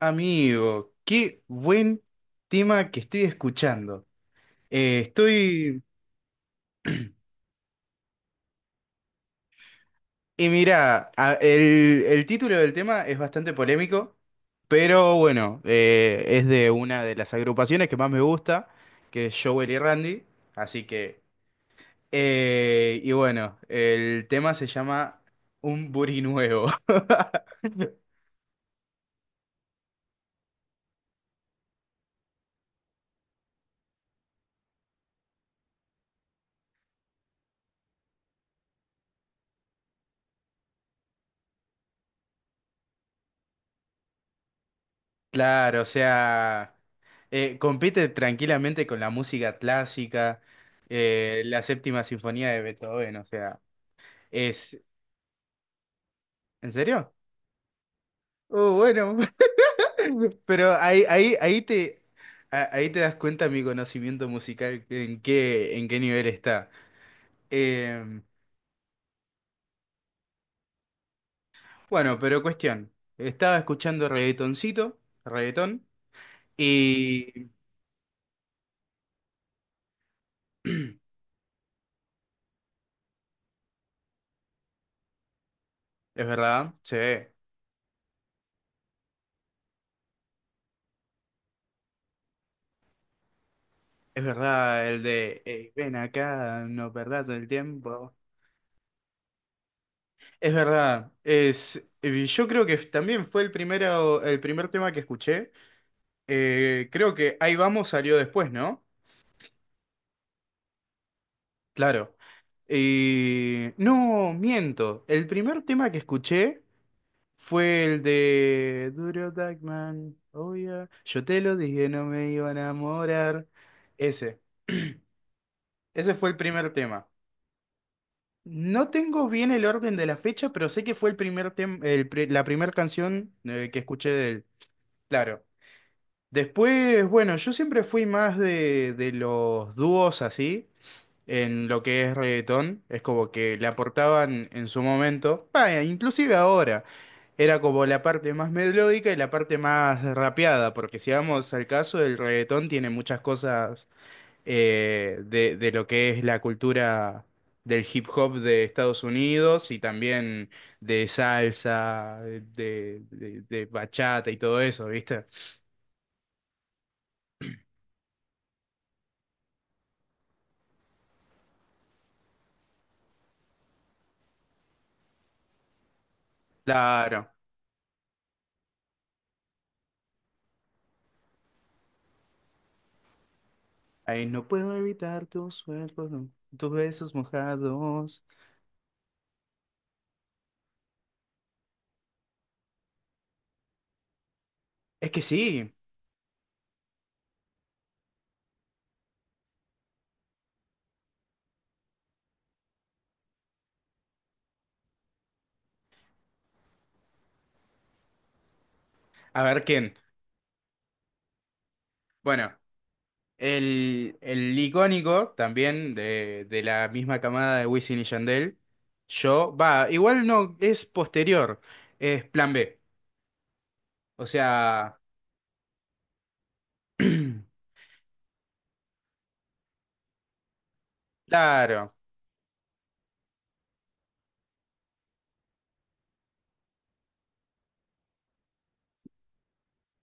Amigo, qué buen tema que estoy escuchando. Eh, estoy... Y mira, el título del tema es bastante polémico, pero bueno, es de una de las agrupaciones que más me gusta, que es Jowell y Randy. Así que... y bueno, el tema se llama Un Buri Nuevo. Claro, o sea, compite tranquilamente con la música clásica, la séptima sinfonía de Beethoven, o sea, es... ¿En serio? Oh, bueno, pero ahí te das cuenta mi conocimiento musical, en qué nivel está. Eh, bueno, pero cuestión, estaba escuchando reggaetoncito, reggaetón, y... Es verdad, sí. Es verdad, el de "Ey, ven acá, no perdás el tiempo." Es verdad, es, yo creo que también fue el primero, el primer tema que escuché. Creo que Ahí vamos salió después, ¿no? Claro. Y no, miento. El primer tema que escuché fue el de Duro Dagman. Oh yeah. Yo te lo dije, no me iba a enamorar. Ese. Ese fue el primer tema. No tengo bien el orden de la fecha, pero sé que fue el primer tem- el pri- la primera canción que escuché de él. Claro. Después, bueno, yo siempre fui más de los dúos así, en lo que es reggaetón. Es como que le aportaban en su momento, vaya, inclusive ahora, era como la parte más melódica y la parte más rapeada, porque si vamos al caso, el reggaetón tiene muchas cosas de lo que es la cultura del hip hop de Estados Unidos y también de salsa, de bachata y todo eso, ¿viste? Claro. Ahí no puedo evitar tus cuerpos, tus besos mojados. Es que sí. A ver, ¿quién? Bueno, el icónico también de la misma camada de Wisin y Yandel. Yo, va, igual no, es posterior, es Plan B. O sea, Claro.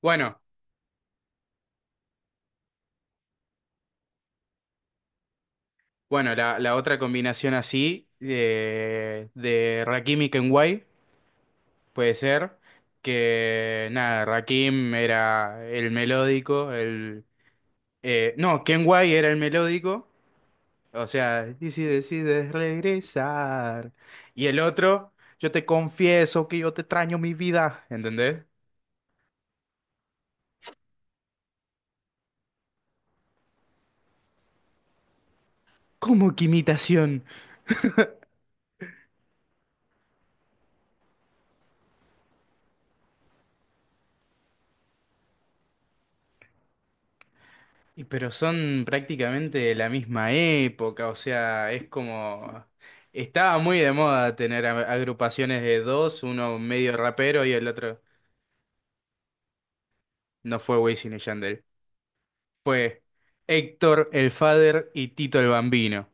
Bueno, bueno, la otra combinación así de Rakim y Kenway puede ser que, nada, Rakim era el melódico, el... no, Kenway era el melódico, o sea, y si decides regresar. Y el otro, yo te confieso que yo te extraño mi vida, ¿entendés? Como que imitación. Y pero son prácticamente de la misma época, o sea, es como... Estaba muy de moda tener agrupaciones de dos, uno medio rapero y el otro no fue Wisin y Yandel. Fue Héctor el Father y Tito el Bambino.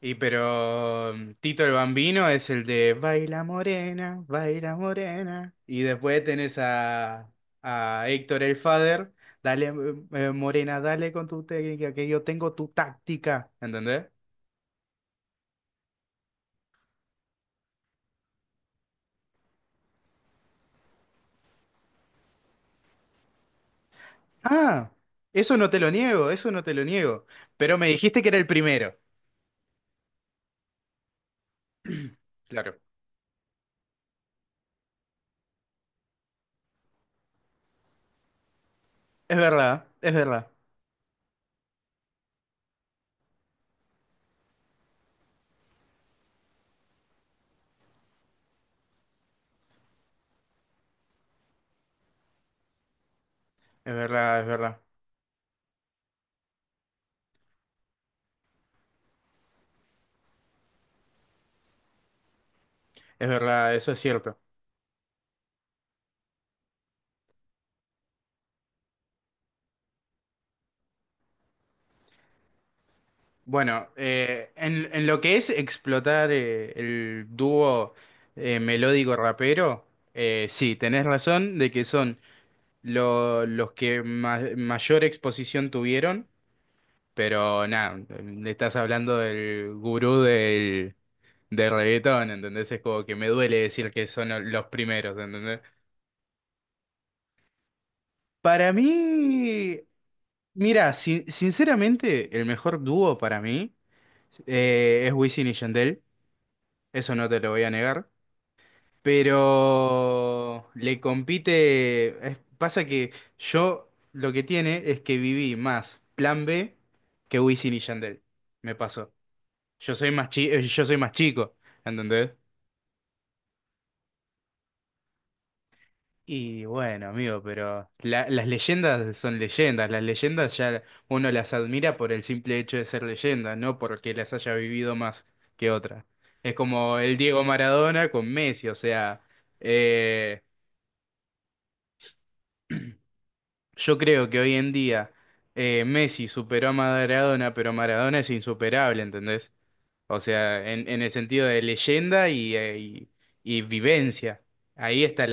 Y pero Tito el Bambino es el de Baila Morena, Baila Morena. Y después tenés a Héctor el Father, dale Morena, dale con tu técnica, que yo tengo tu táctica, ¿entendés? Ah, eso no te lo niego, eso no te lo niego. Pero me dijiste que era el primero. Claro. Es verdad, es verdad, es verdad, es verdad, es verdad, eso es cierto. Bueno, en lo que es explotar el dúo melódico rapero, sí, tenés razón de que son los que mayor exposición tuvieron, pero nada, le estás hablando del gurú de reggaetón, ¿entendés? Es como que me duele decir que son los primeros, ¿entendés? Para mí, mira, sinceramente, el mejor dúo para mí es Wisin y Yandel, eso no te lo voy a negar, pero le compite, pasa que yo lo que tiene es que viví más Plan B que Wisin y Yandel, me pasó. Yo soy más chico, ¿entendés? Y bueno, amigo, pero las leyendas son leyendas. Las leyendas ya uno las admira por el simple hecho de ser leyenda, no porque las haya vivido más que otra. Es como el Diego Maradona con Messi, o sea, eh, yo creo que hoy en día Messi superó a Maradona, pero Maradona es insuperable, ¿entendés? O sea, en el sentido de leyenda y vivencia. Ahí está.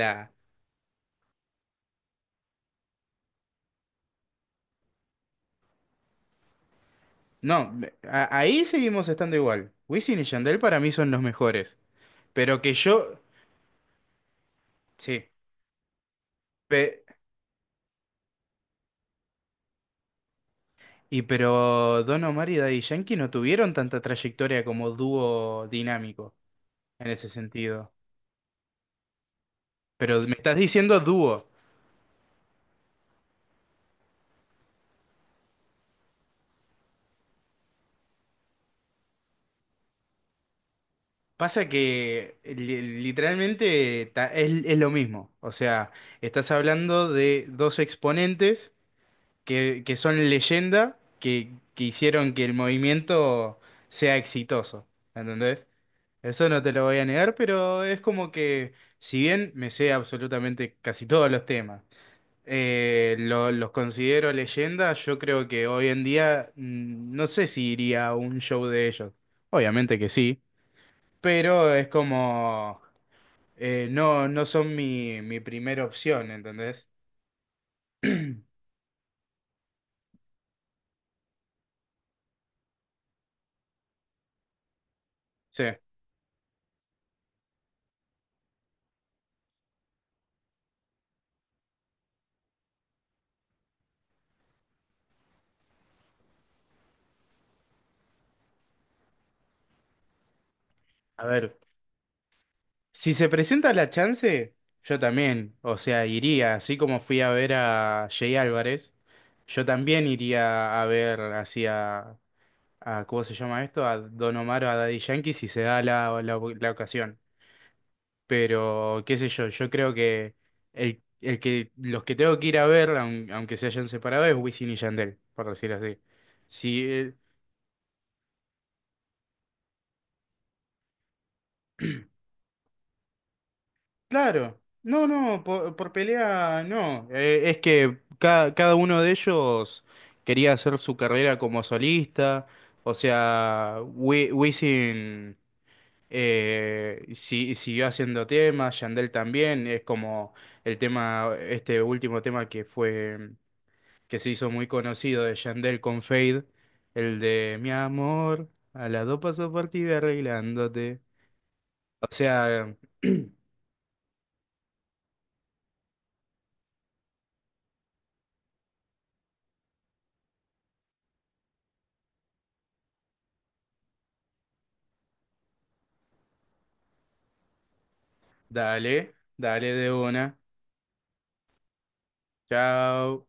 No, ahí seguimos estando igual. Wisin y Yandel para mí son los mejores. Pero que yo. Sí. pe- y pero Don Omar y Daddy Yankee no tuvieron tanta trayectoria como dúo dinámico en ese sentido. Pero me estás diciendo dúo. Pasa que literalmente es lo mismo. O sea, estás hablando de dos exponentes que son leyenda que hicieron que el movimiento sea exitoso. ¿Entendés? Eso no te lo voy a negar, pero es como que, si bien me sé absolutamente casi todos los temas, los considero leyendas, yo creo que hoy en día no sé si iría a un show de ellos. Obviamente que sí, pero es como, no, no son mi primera opción, ¿entendés? Sí, a ver. Si se presenta la chance, yo también, o sea, iría, así como fui a ver a Jay Álvarez, yo también iría a ver así ¿cómo se llama esto? A Don Omar o a Daddy Yankee si se da la ocasión. Pero, qué sé yo, yo creo que el que los que tengo que ir a ver, aunque se hayan separado, es Wisin y Yandel, por decir así. Si, eh, Claro, no, no, por pelea no. Es que cada uno de ellos quería hacer su carrera como solista. O sea, Wisin siguió haciendo temas, Yandel también. Es como este último tema que se hizo muy conocido de Yandel con Fade, el de Mi amor, a las dos pasos por ti voy arreglándote. O sea, dale, dale de una. Chao.